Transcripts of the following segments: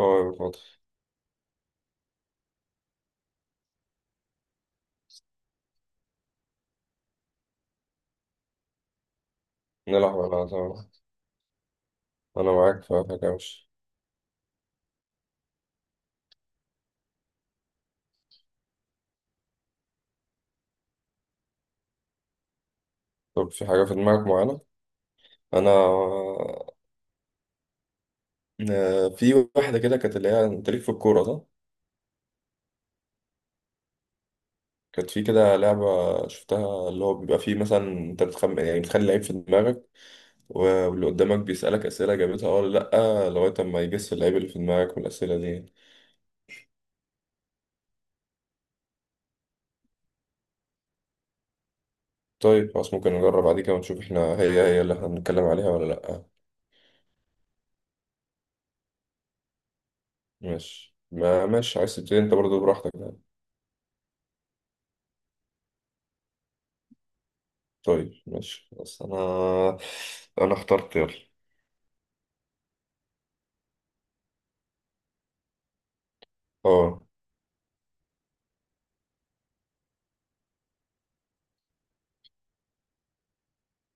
اه، يا فاضي. نلعب، على طبعا. انا معاك في أي حاجة مش... طب في حاجة في دماغك معينة؟ انا في واحدة كده كانت، اللي هي انت ليك في الكورة ده. كانت في كده لعبة شفتها، اللي هو بيبقى فيه مثلا انت بتخم، يعني بتخلي لعيب في دماغك واللي قدامك بيسألك أسئلة جابتها اه ولا لأ، لغاية ما يجس اللعيب اللي في دماغك والأسئلة دي. طيب خلاص، ممكن نجرب بعد كده ونشوف احنا هي هي اللي احنا بنتكلم عليها ولا لأ. ماشي، ما ماشي، عايز تبتدي انت برضه، براحتك. طيب ماشي، بس انا، انا اخترت يلا. اه،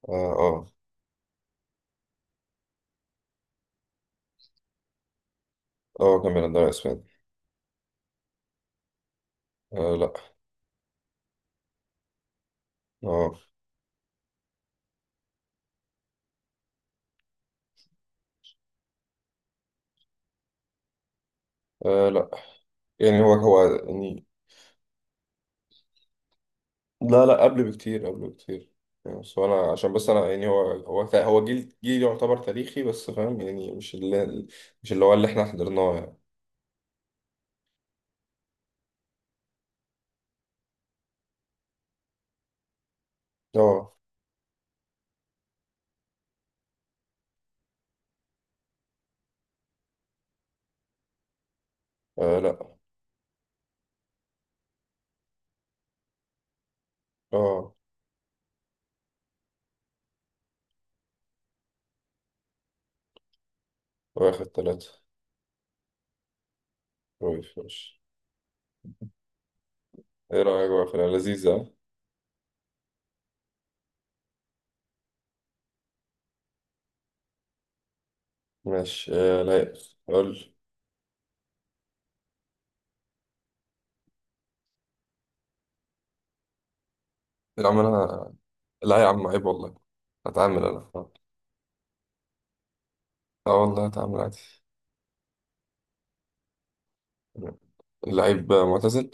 اه، اه، اه، كان بيلعب دوري اسباني. آه لا. اه. آه لا، يعني هو هو يعني. لا لا، قبل بكتير، قبل بكتير. يعني بس انا عشان بس انا، يعني هو هو هو جيل يعتبر تاريخي، بس فاهم يعني؟ مش اللي هو اللي احنا حضرناه يعني. اه. آه، لا. اه. واخد ثلاثة. كويس ماشي. ايه رأيك بقى في لذيذة؟ ماشي آه، لا. قول. العمل. لا يا عم، عيب والله، هتعامل انا. اه والله هتعامل عادي. اللعيب معتزل،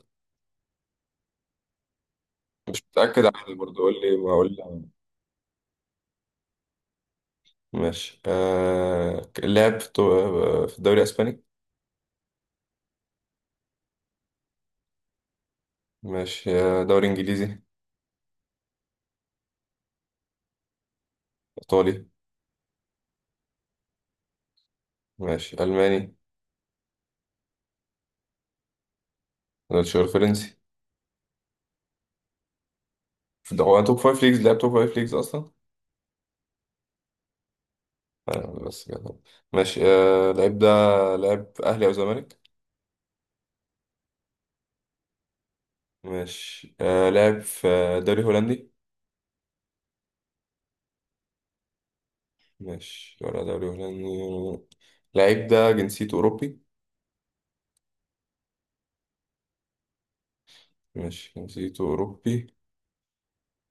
مش متأكد، عادي برضه قول لي ما اقول لي. ماشي آه، لعب في في الدوري الاسباني. ماشي آه، دوري انجليزي. ايطالي. ماشي الماني. الشهور فرنسي. في هو توب فايف ليجز؟ لعب توب فايف ليجز اصلا؟ آه بس كده. ماشي آه، لعيب ده لعب في اهلي او زمالك. ماشي آه، لعب في دوري هولندي. ماشي ولا دوري هولندي. اللعيب ده جنسيته أوروبي؟ ماشي، جنسيته أوروبي.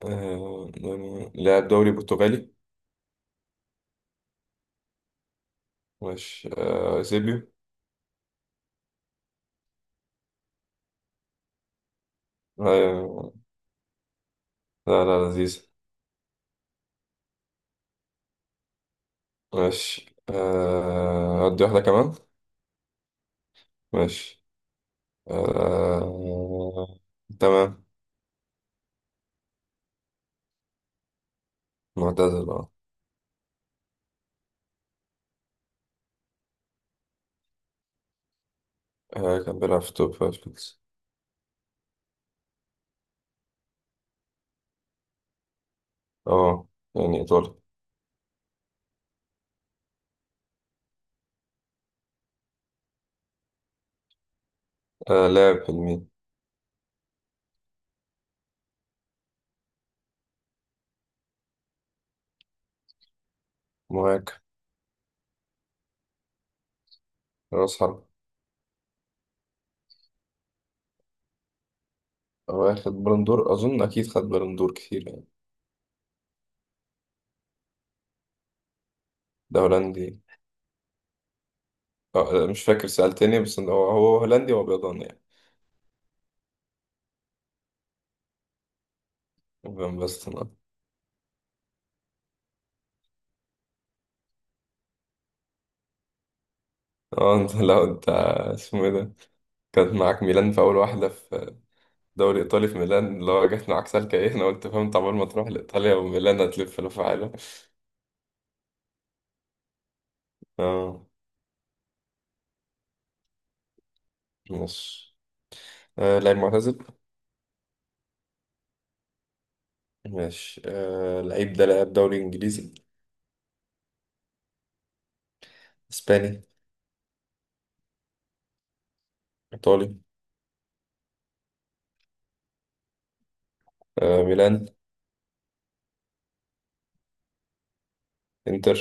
آه... لاعب دوري برتغالي. ماشي سيبيو. آه... لا لا لذيذ. ماشي أدي واحدة كمان. ماشي آه... تمام. معتزل اه. آه، كان بيلعب في توب فايف ليجز. اه. يعني إيطالي. لاعب في الميل. مهاجم. رأس حرب. واخد بالون دور، أظن أكيد خد بالون دور كتير يعني. ده هولندي. آه، مش فاكر سألتني، بس إن هو هو هولندي وأبيضاني يعني. فان باستن اه. آه، انت لو انت اسمه ايه ده؟ كانت معاك ميلان في اول واحده، في دوري ايطالي في ميلان، اللي هو جت معاك سالكه ايه، انا قلت فهمت عمال ما تروح لايطاليا وميلان هتلف لفه عالم. اه. ماشي آه، لعيب معتزل. ماشي آه، لعيب ده لعب دوري انجليزي. اسباني. ايطالي. آه ميلان. انتر.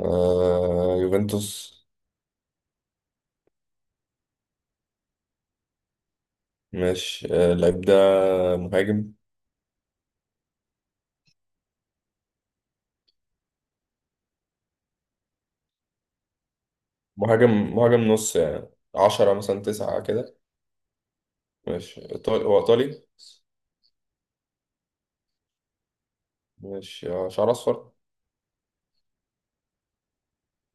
آه يوفنتوس. ماشي آه، اللعيب ده مهاجم. مهاجم مهاجم نص يعني، 10 مثلا 9 كده. ماشي إيطالي، هو إيطالي. ماشي آه، شعر أصفر.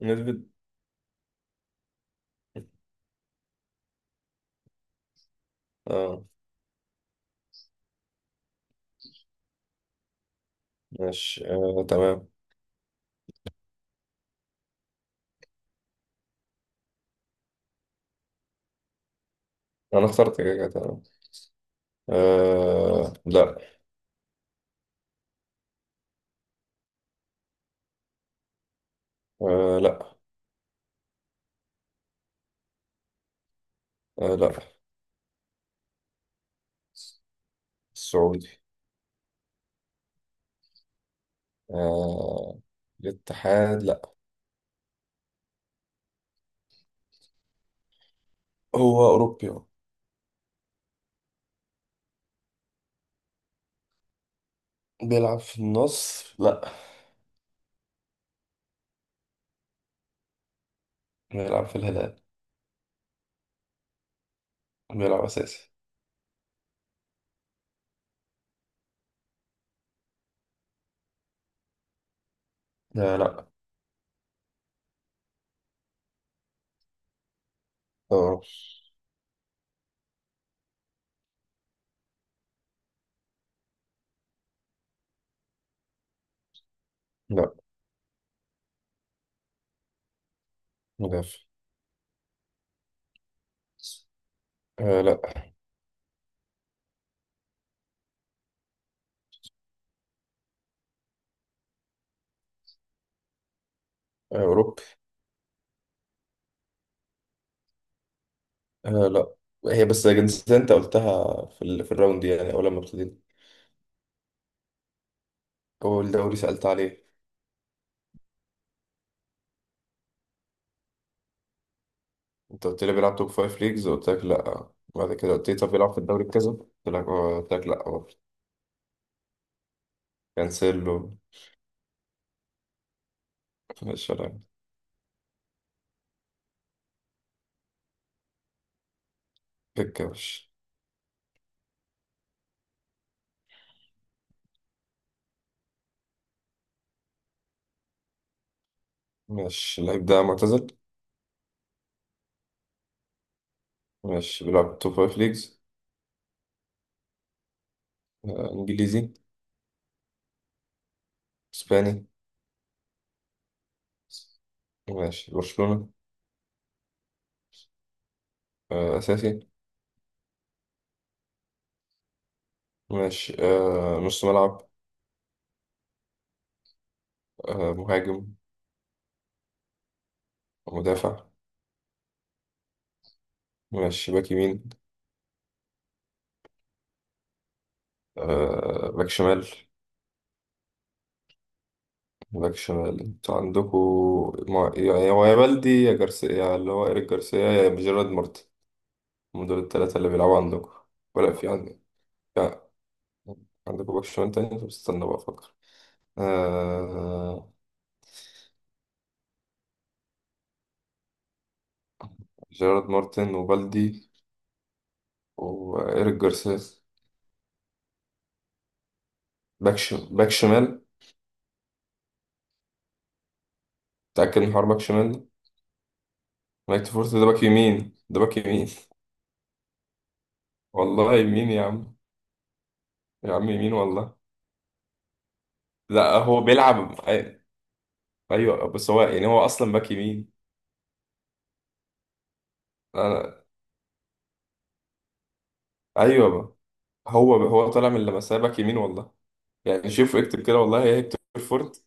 نسبت. اه. ماشي آه، تمام. أنا اخترت، كده كده تمام. آه لا. آه لا. آه لا. السعودي. آه الاتحاد لا. هو أوروبي أهو. بيلعب في النصر لا. بيلعب في الهلال. بيلعب أساسي. آه لا. آه لا. مدافع. آه لا. آه، أوروبي. آه لا. هي بس جنسية انت قلتها في، في الراوند دي يعني اول لما ابتدينا. اول دوري سألت عليه. انت قلت لي بيلعب توب فايف ليجز، قلت لك لا. بعد كده قلت لي طب بيلعب في الدوري بكذا، قلت لك اه، قلت لك لا برضه. كانسيلو. ماشي يلا. بيكاوش. ماشي اللعيب ده معتزل. ماشي بيلعب توب فايف ليجز. آه انجليزي. اسباني. ماشي برشلونة. آه اساسي. ماشي آه، نص ملعب. آه مهاجم. مدافع. ماشي باك يمين. آه باك شمال. باك شمال، انتوا عندكوا ما... هو يا بالدي يا جارسيا، يا اللي هو إيريك جارسيا، يا جيرارد مارتن. هم دول التلاتة اللي بيلعبوا عندكوا، ولا في عندك؟ لا عندكوا باك شمال تاني؟ طب استنى بقى أفكر. آه... جيرارد مارتن وبالدي وإيريك جارسيا. باك شمال؟ متأكد من حوار باك شمال ده؟ نايت فورت، ده باك يمين، ده باك يمين. والله يمين يا عم. يا عم يمين والله. لا هو بيلعب ايوه بس هو، يعني هو اصلا باك يمين. انا. ايوه. هو هو طالع من لمسيه باك يمين والله. يعني شوف اكتب كده والله، يا هيكتور فورت.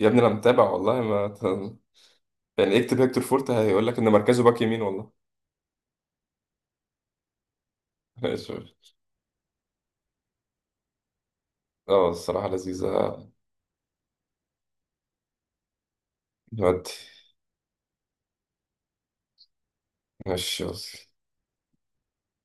يا ابني انا متابع والله، ما يعني اكتب هيكتور فورت هيقول لك ان مركزه باك يمين والله. ماشي. اه الصراحه لذيذه. نودي. ماشي يلا.